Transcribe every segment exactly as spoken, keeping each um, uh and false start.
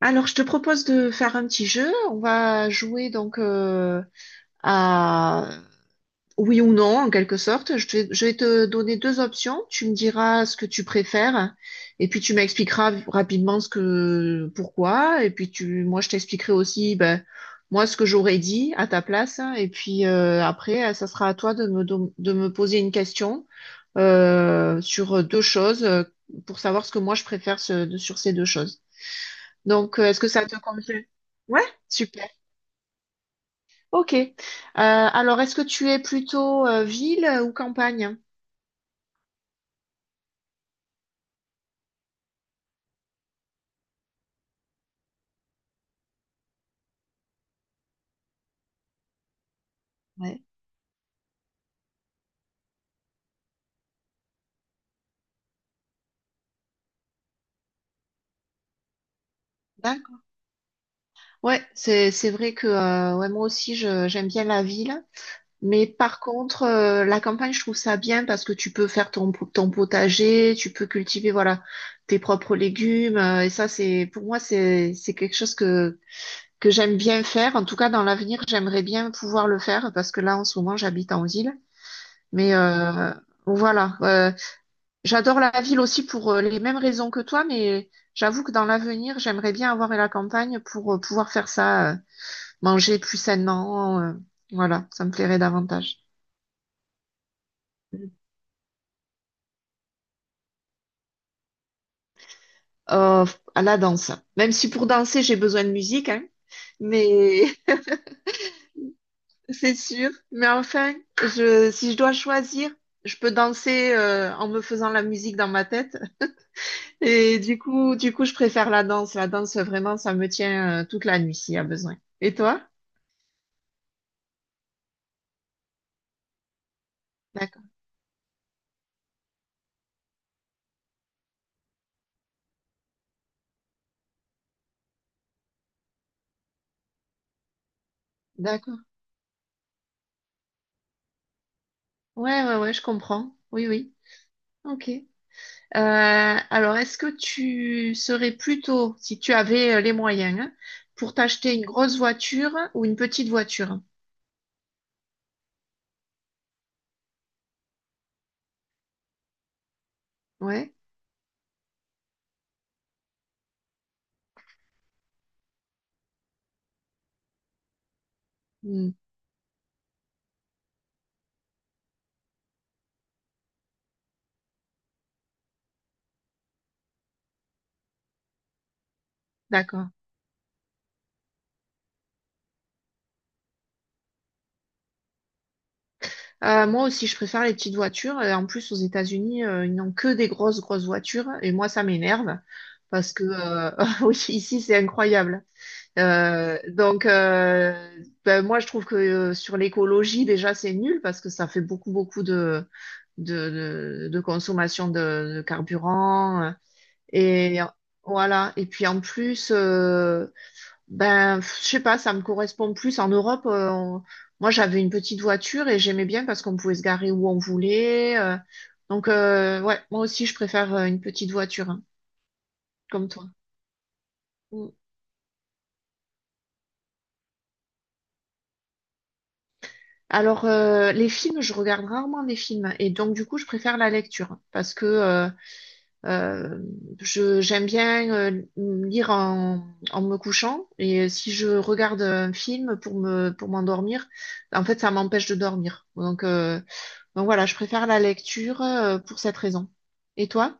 Alors, je te propose de faire un petit jeu. On va jouer donc euh, à oui ou non, en quelque sorte. Je vais, je vais te donner deux options. Tu me diras ce que tu préfères et puis tu m'expliqueras rapidement ce que, pourquoi. Et puis tu, moi, je t'expliquerai aussi, ben, moi, ce que j'aurais dit à ta place. Et puis euh, après, ça sera à toi de me, don- de me poser une question euh, sur deux choses euh, pour savoir ce que moi je préfère ce- sur ces deux choses. Donc, euh, est-ce que ça te convient? Ouais, super. Ok. Euh, alors, est-ce que tu es plutôt euh, ville ou campagne? Ouais, d'accord. Ouais, c'est c'est vrai que euh, ouais, moi aussi je j'aime bien la ville, mais par contre euh, la campagne je trouve ça bien parce que tu peux faire ton po- ton potager, tu peux cultiver voilà tes propres légumes euh, et ça c'est pour moi c'est c'est quelque chose que que j'aime bien faire. En tout cas dans l'avenir j'aimerais bien pouvoir le faire parce que là en ce moment j'habite en ville. Mais euh, voilà. Euh, j'adore la ville aussi pour euh, les mêmes raisons que toi, mais j'avoue que dans l'avenir, j'aimerais bien avoir la campagne pour euh, pouvoir faire ça, euh, manger plus sainement. Euh, voilà, ça me plairait davantage. Euh, à la danse. Même si pour danser, j'ai besoin de musique, hein, mais c'est sûr. Mais enfin, je, si je dois choisir, je peux danser euh, en me faisant la musique dans ma tête. Et du coup, du coup, je préfère la danse. La danse, vraiment, ça me tient euh, toute la nuit s'il y a besoin. Et toi? D'accord, d'accord. Ouais, ouais, ouais, je comprends. Oui, oui. Ok. Euh, alors, est-ce que tu serais plutôt, si tu avais euh, les moyens, hein, pour t'acheter une grosse voiture ou une petite voiture? Ouais. Hmm, d'accord. Euh, moi aussi, je préfère les petites voitures. Et en plus, aux États-Unis, euh, ils n'ont que des grosses, grosses voitures. Et moi, ça m'énerve parce que euh, oui, ici, c'est incroyable. Euh, donc, euh, ben, moi, je trouve que euh, sur l'écologie, déjà, c'est nul parce que ça fait beaucoup, beaucoup de, de, de, de consommation de, de carburant. euh, Et voilà. Et puis, en plus, euh, ben, pff, je sais pas, ça me correspond plus. En Europe, euh, on- moi, j'avais une petite voiture et j'aimais bien parce qu'on pouvait se garer où on voulait. euh. donc, euh, ouais, moi aussi, je préfère euh, une petite voiture, hein, comme toi. Alors, euh, les films, je regarde rarement des films et donc du coup, je préfère la lecture parce que euh, euh, je j'aime bien euh, lire en, en me couchant et si je regarde un film pour me pour m'endormir, en fait, ça m'empêche de dormir. Donc, euh, donc voilà, je préfère la lecture euh, pour cette raison. Et toi?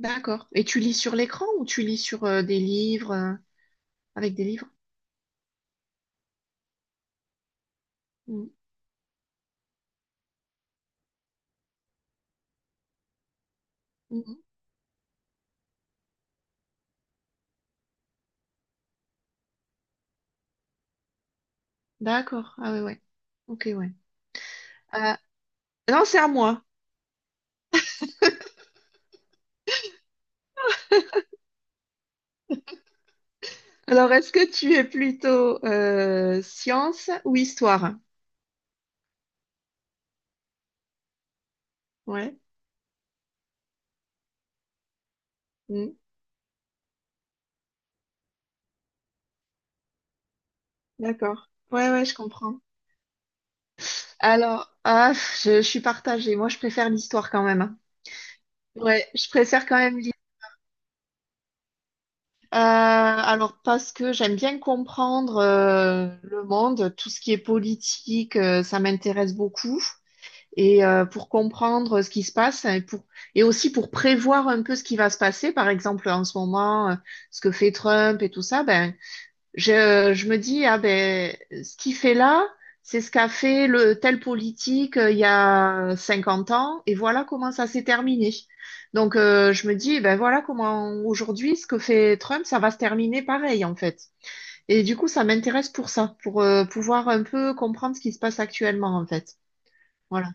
D'accord. Et tu lis sur l'écran ou tu lis sur euh, des livres euh, avec des livres? Mm. Mhm. D'accord. Ah ouais, ouais. Ok, ouais. Euh, non, c'est à moi. Alors, est-ce que tu es plutôt euh, science ou histoire? Ouais, hmm, d'accord. Ouais, ouais, je comprends. Alors, ah, pff, je, je suis partagée. Moi, je préfère l'histoire quand même. Ouais, je préfère quand même l'histoire. alors, parce que j'aime bien comprendre euh, le monde, tout ce qui est politique, euh, ça m'intéresse beaucoup. Et euh, pour comprendre ce qui se passe et pour et aussi pour prévoir un peu ce qui va se passer, par exemple en ce moment, euh, ce que fait Trump et tout ça, ben Je, je me dis, ah ben, ce qu'il fait là, c'est ce qu'a fait le tel politique euh, il y a cinquante ans, et voilà comment ça s'est terminé. Donc, euh, je me dis, ben voilà comment aujourd'hui, ce que fait Trump, ça va se terminer pareil, en fait. Et du coup, ça m'intéresse pour ça, pour euh, pouvoir un peu comprendre ce qui se passe actuellement, en fait. Voilà.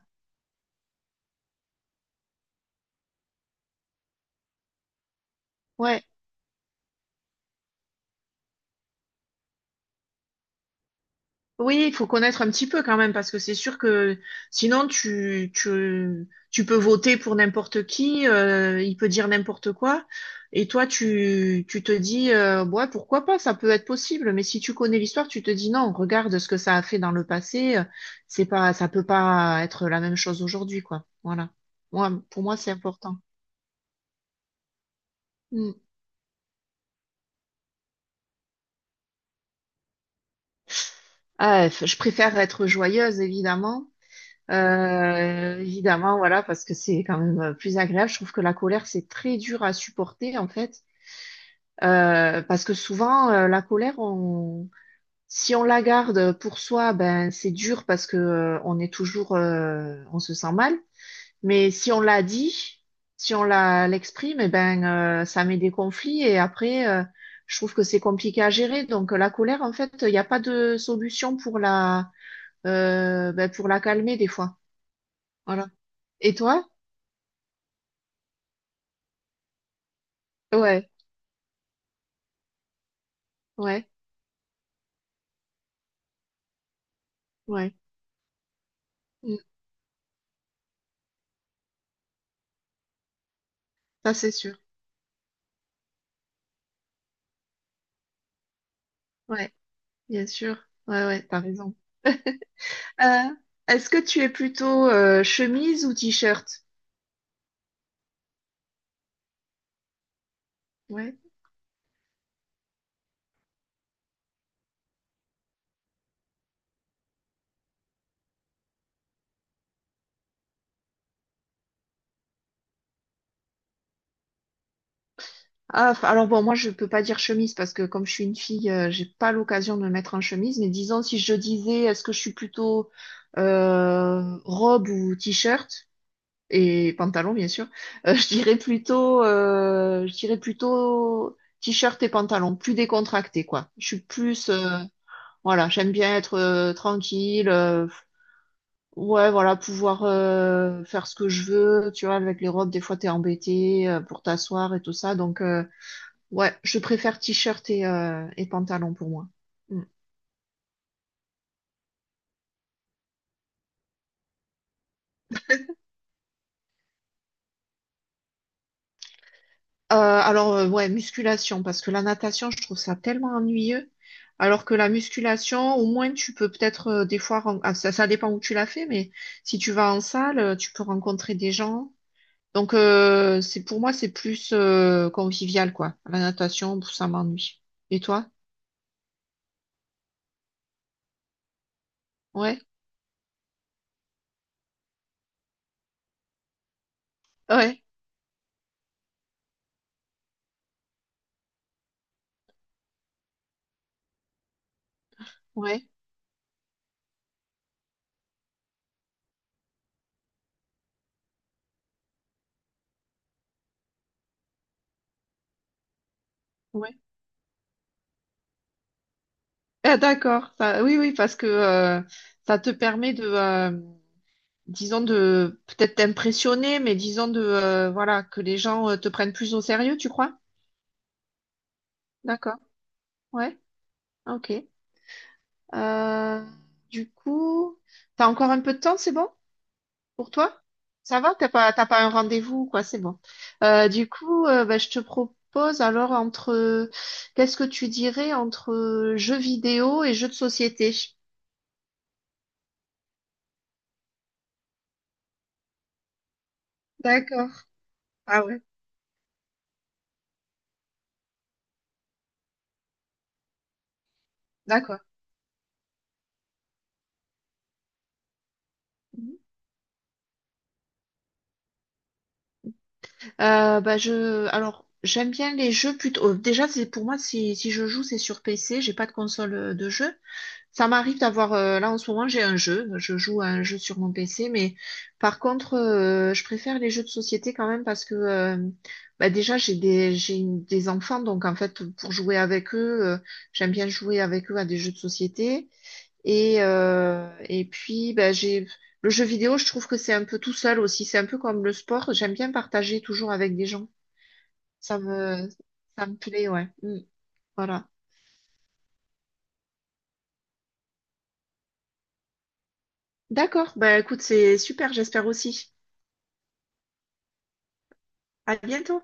Ouais. Oui, il faut connaître un petit peu quand même, parce que c'est sûr que sinon tu, tu, tu peux voter pour n'importe qui, euh, il peut dire n'importe quoi, et toi tu, tu te dis, euh, ouais, pourquoi pas, ça peut être possible, mais si tu connais l'histoire, tu te dis non, regarde ce que ça a fait dans le passé, euh, c'est pas, ça peut pas être la même chose aujourd'hui, quoi. Voilà. Moi, pour moi, c'est important. Mm. Ah, f- je préfère être joyeuse, évidemment. Euh, évidemment, voilà, parce que c'est quand même euh, plus agréable. Je trouve que la colère, c'est très dur à supporter, en fait. Euh, parce que souvent, euh, la colère, on... si on la garde pour soi, ben, c'est dur parce que euh, on est toujours, euh, on se sent mal. Mais si on la dit, si on la l'exprime, eh ben, euh, ça met des conflits et après, euh, je trouve que c'est compliqué à gérer. Donc, la colère, en fait, il n'y a pas de solution pour la, euh, ben, pour la calmer des fois. Voilà. Et toi? Ouais, ouais, ouais. Mm. Ça, c'est sûr. Ouais, bien sûr. Ouais, ouais, t'as raison. Euh, Est-ce que tu es plutôt euh, chemise ou t-shirt? Ouais. Ah, f- alors bon, moi, je peux pas dire chemise parce que comme je suis une fille, euh, j'ai pas l'occasion de me mettre en chemise. Mais disons, si je disais, est-ce que je suis plutôt euh, robe ou t-shirt et pantalon, bien sûr, euh, je dirais plutôt, euh, je dirais plutôt t-shirt et pantalon, plus décontracté, quoi. Je suis plus euh, Voilà, j'aime bien être euh, tranquille. Euh, ouais, voilà, pouvoir euh, faire ce que je veux. Tu vois, avec les robes, des fois, t'es embêté euh, pour t'asseoir et tout ça. Donc, euh, ouais, je préfère t-shirt et, euh, et pantalon pour moi. Mm. Euh, alors, euh, ouais, musculation, parce que la natation, je trouve ça tellement ennuyeux. Alors que la musculation, au moins, tu peux peut-être euh, des fois, ren- ah, ça, ça dépend où tu l'as fait, mais si tu vas en salle, euh, tu peux rencontrer des gens. Donc, euh, c'est pour moi, c'est plus euh, convivial, quoi. La natation, pff, ça m'ennuie. Et toi? Ouais, ouais, ouais, ouais. Ah, d'accord. Ça- oui, oui, parce que euh, ça te permet de, euh, disons, de peut-être t'impressionner, mais disons de, euh, voilà, que les gens euh, te prennent plus au sérieux, tu crois? D'accord. Ouais. Ok. Euh, du coup, t'as encore un peu de temps, c'est bon? Pour toi? Ça va? T'as pas, t'as pas un rendez-vous, ou quoi, c'est bon. Euh, du coup, euh, bah, je te propose alors entre, qu'est-ce que tu dirais entre euh, jeux vidéo et jeux de société? D'accord. Ah ouais, d'accord. Mhm. Euh, bah, je, alors, j'aime bien les jeux plutôt, euh, déjà, c'est, pour moi, si, si je joue, c'est sur P C, j'ai pas de console euh, de jeu. Ça m'arrive d'avoir, euh, là en ce moment j'ai un jeu, je joue à un jeu sur mon P C, mais par contre euh, je préfère les jeux de société quand même parce que euh, bah déjà j'ai des, j'ai une- des enfants, donc en fait pour jouer avec eux, euh, j'aime bien jouer avec eux à des jeux de société. Et, euh, et puis bah, j'ai le jeu vidéo, je trouve que c'est un peu tout seul aussi, c'est un peu comme le sport, j'aime bien partager toujours avec des gens. Ça me, ça me plaît, ouais. Mm. voilà. D'accord, bah écoute, c'est super, j'espère aussi. À bientôt.